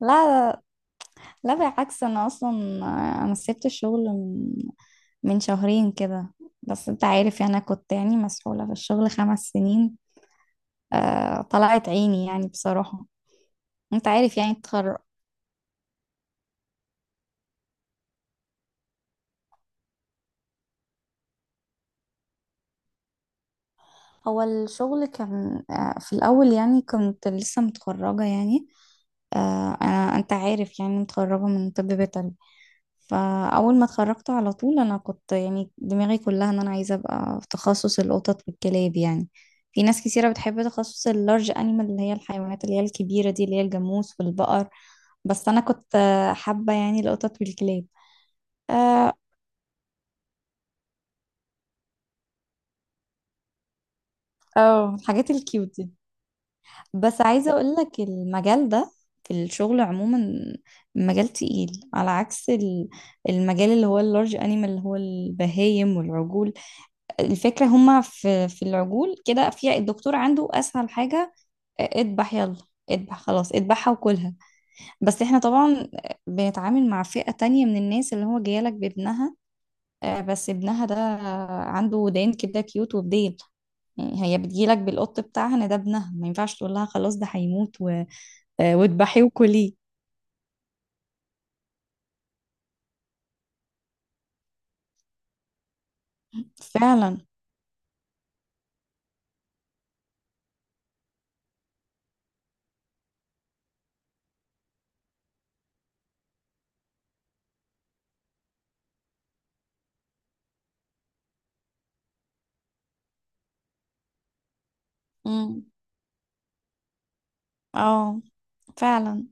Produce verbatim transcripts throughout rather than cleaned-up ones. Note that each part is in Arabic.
لا لا بالعكس، انا اصلا. آه، انا سبت الشغل من من شهرين كده. بس انت عارف، يعني انا كنت يعني مسحولة في الشغل خمس سنين. آه، طلعت عيني يعني بصراحة. انت عارف، يعني اتخرج. هو الشغل كان آه في الاول، يعني كنت لسه متخرجة يعني. آه، انا انت عارف، يعني متخرجة من طب بيطري. فأول ما اتخرجت على طول أنا كنت يعني دماغي كلها إن أنا عايزة أبقى في تخصص القطط والكلاب يعني. في ناس كثيرة بتحب تخصص اللارج أنيمال، اللي هي الحيوانات اللي هي الكبيرة دي، اللي هي الجاموس والبقر. بس أنا كنت حابة يعني القطط والكلاب. اه، آه، الحاجات الكيوت دي. بس عايزة أقولك المجال ده في الشغل عموما مجال تقيل، على عكس ال- المجال اللي هو اللارج أنيمال، اللي هو البهايم والعجول. الفكرة هما في في العجول كده، في الدكتور عنده أسهل حاجة. آه، اذبح يلا، اذبح خلاص، اذبحها وكلها. بس احنا طبعا بنتعامل مع فئة تانية من الناس، اللي هو جايلك بابنها. آه، بس ابنها ده عنده ودان كده كيوت وبديل. يعني هي بتجيلك بالقط بتاعها، ان ده ابنها، ما ينفعش تقول لها خلاص ده هيموت و- آه، واذبحيه وكليه. فعلا. مم. اه، فعلا.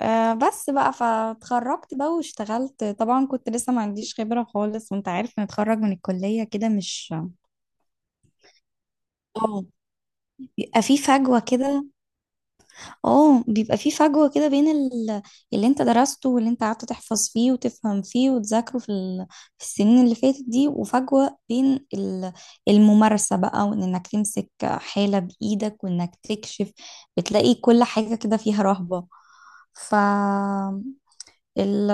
آه، بس بقى فاتخرجت بقى واشتغلت، طبعا كنت لسه ما عنديش خبرة خالص، وانت عارف نتخرج من الكلية كده مش. اه، بيبقى في فجوة كده. اه، بيبقى في فجوة كده بين ال- اللي انت درسته واللي انت قعدت تحفظ فيه وتفهم فيه وتذاكره في ال- في السنين اللي فاتت دي، وفجوة بين ال- الممارسة بقى، وانك تمسك حالة بإيدك، وانك تكشف. بتلاقي كل حاجة كده فيها رهبة. ف ال...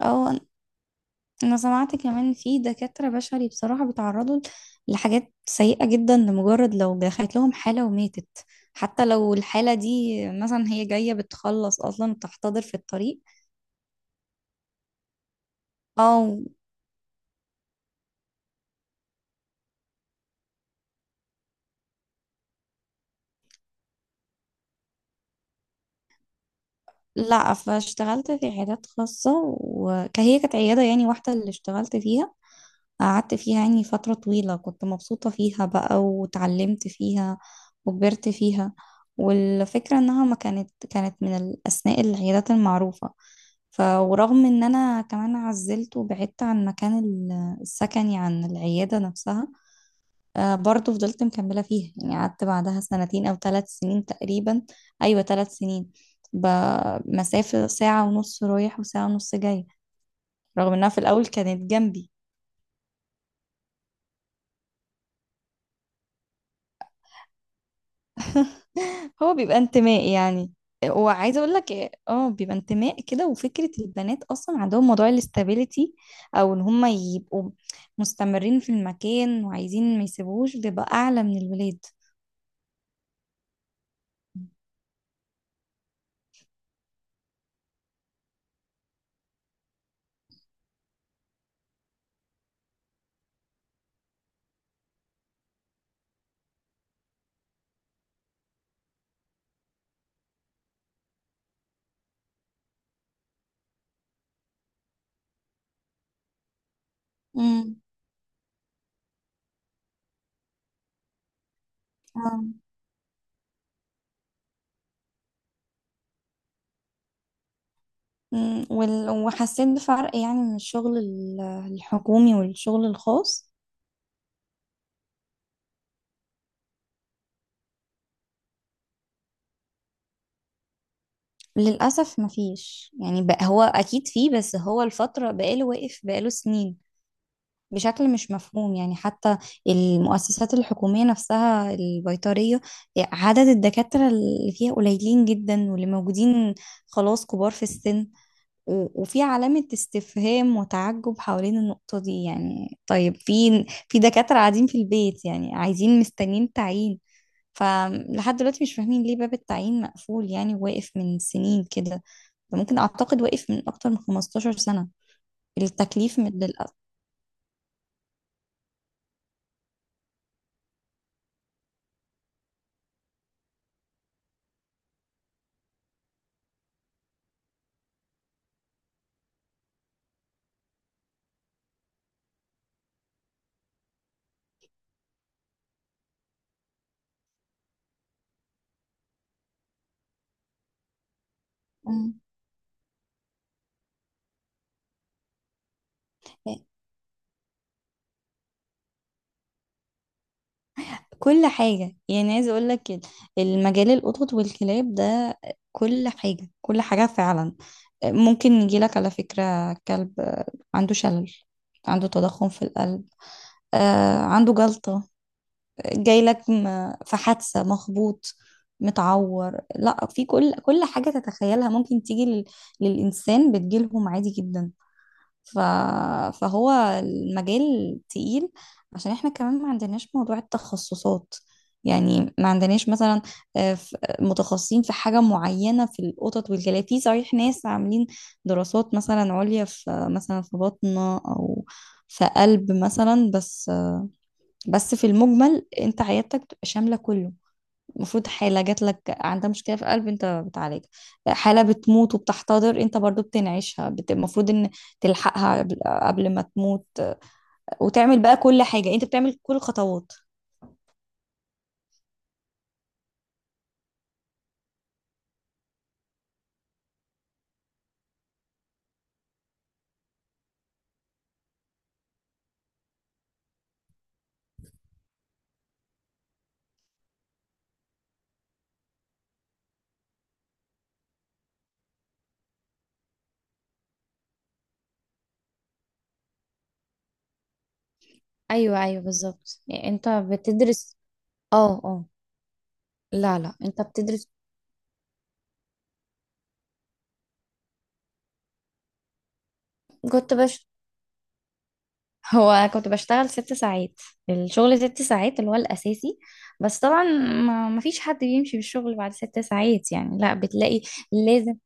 آه، انا سمعت كمان في دكاترة بشري بصراحة بيتعرضوا لحاجات سيئة جدا لمجرد لو دخلت لهم حالة وماتت، حتى لو الحالة دي مثلا هي جاية بتخلص اصلا وبتحتضر في الطريق. او لا، فاشتغلت في عيادات خاصة. وهي كانت عيادة يعني واحدة اللي اشتغلت فيها. قعدت فيها يعني فترة طويلة، كنت مبسوطة فيها بقى، وتعلمت فيها، وكبرت فيها. والفكرة انها ما كانت كانت من الاسماء العيادات المعروفة. ف ورغم ان انا كمان عزلت وبعدت عن مكان ال- السكني عن العيادة نفسها. آه، برضو فضلت مكملة فيها، يعني قعدت بعدها سنتين او تلات سنين تقريبا. ايوه تلات سنين. بمسافة ساعة ونص رايح وساعة ونص جاي. رغم انها في الاول كانت جنبي. هو بيبقى انتماء يعني. وعايزه اقول لك، اه بيبقى انتماء كده. وفكره البنات اصلا عندهم موضوع الاستابيليتي، او ان هم يبقوا مستمرين في المكان وعايزين ما يسيبوهوش، بيبقى اعلى من الولاد. امم. آه. أمم. وال- وحسيت بفرق يعني من الشغل ال- الحكومي والشغل الخاص. للأسف مفيش يعني بقى. هو أكيد فيه، بس هو الفترة بقاله واقف، بقاله سنين بشكل مش مفهوم يعني. حتى المؤسسات الحكومية نفسها البيطرية، عدد الدكاترة اللي فيها قليلين جدا، واللي موجودين خلاص كبار في السن. و- وفي علامة استفهام وتعجب حوالين النقطة دي يعني. طيب في في دكاترة قاعدين في البيت يعني، عايزين مستنيين تعيين، فلحد دلوقتي مش فاهمين ليه باب التعيين مقفول يعني، واقف من سنين كده. ده ممكن أعتقد واقف من أكتر من خمستاشر سنة. التكليف من للأسف كل حاجة يعني. عايزة اقول لك المجال القطط والكلاب ده، كل حاجة كل حاجة فعلا ممكن يجيلك على فكرة. كلب عنده شلل، عنده تضخم في القلب، آه، عنده جلطة، جايلك م- في حادثة، مخبوط، متعور، لا في كل كل حاجة تتخيلها ممكن تيجي لل- للإنسان بتجيلهم عادي جدا. ف... فهو المجال تقيل، عشان احنا كمان ما عندناش موضوع التخصصات، يعني ما عندناش مثلا آه، ف- متخصصين في حاجة معينة في القطط والكلاب. في صحيح ناس عاملين دراسات مثلا عليا في، مثلا في بطنة، أو في قلب مثلا، بس. بس في المجمل انت عيادتك بتبقى شاملة كله. المفروض حالة جات لك عندها مشكلة في قلب انت بتعالجها. حالة بتموت وبتحتضر انت برضو بتنعيشها، بت- المفروض ان تلحقها قبل قبل ما تموت، وتعمل بقى كل حاجة، انت بتعمل كل الخطوات. ايوه ايوه، بالظبط يعني انت بتدرس. اه، اه، لا لا، انت بتدرس. كنت بش هو كنت بشتغل ست ساعات. الشغل ست ساعات اللي هو الاساسي. بس طبعا ما ما فيش حد بيمشي بالشغل بعد ست ساعات يعني. لا بتلاقي لازم،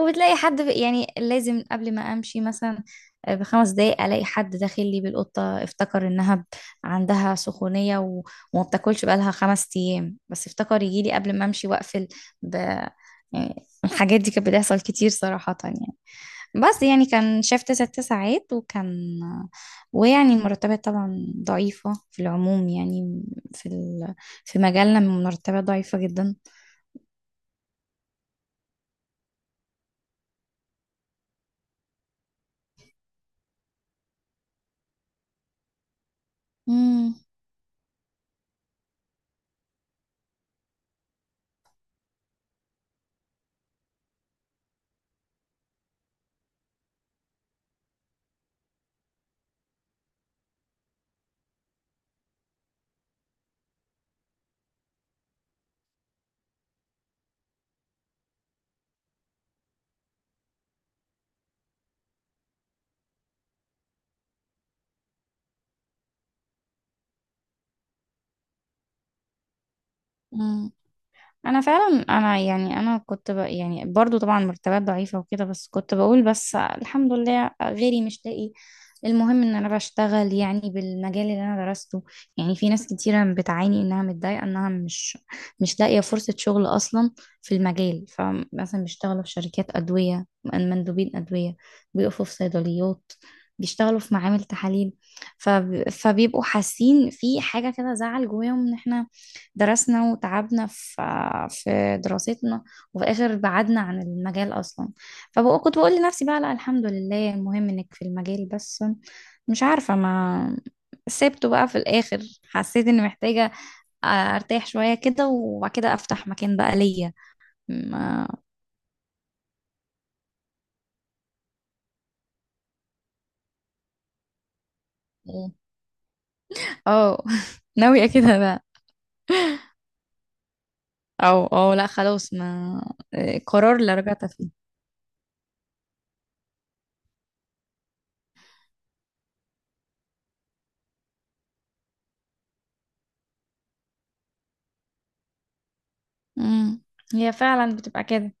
وبتلاقي حد ب- يعني لازم قبل ما امشي مثلا آه، بخمس دقايق الاقي حد داخل لي بالقطه، افتكر انها ب- عندها سخونيه و... وما بتاكلش بقالها خمس ايام، بس افتكر يجي لي قبل ما امشي واقفل. ب... يعني الحاجات دي كانت بتحصل كتير صراحه يعني. بس يعني كان شفت ست ساعات وكان. ويعني المرتبات طبعا ضعيفه في العموم يعني. في ال... في مجالنا المرتبات ضعيفه جدا. امم. انا فعلا، انا يعني انا كنت ب... يعني برضو طبعا مرتبات ضعيفة وكده، بس كنت بقول بس الحمد لله، غيري مش لاقي. المهم ان انا بشتغل يعني بالمجال اللي انا درسته. يعني في ناس كتيرة بتعاني انها متضايقة، انها مش مش لاقية فرصة شغل اصلا في المجال. فمثلا بيشتغلوا في شركات ادوية، من- مندوبين ادوية، بيقفوا في صيدليات، بيشتغلوا في معامل تحاليل. فب... فبيبقوا حاسين في حاجة كده، زعل جواهم ان احنا درسنا وتعبنا في في دراستنا، وفي الآخر بعدنا عن المجال أصلا. فكنت بقول لنفسي بقى لا الحمد لله المهم إنك في المجال. بس مش عارفة، ما سبته بقى في الآخر. حسيت إني محتاجة آه، ارتاح شوية كده، وبعد كده افتح مكان بقى ليا. ما اه ناوية كده بقى. او اه، لا خلاص، ما آه، قرار اللي رجعت فيه. امم. هي فعلا بتبقى كده.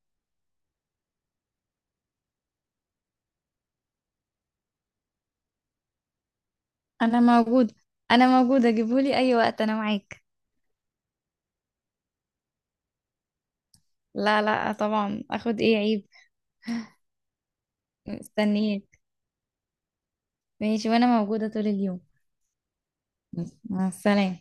انا موجودة، انا موجودة، جيبولي اي وقت، انا معاك. لا لا، طبعا اخد ايه، عيب. مستنياك. ماشي، وانا موجودة طول اليوم. مع السلامة.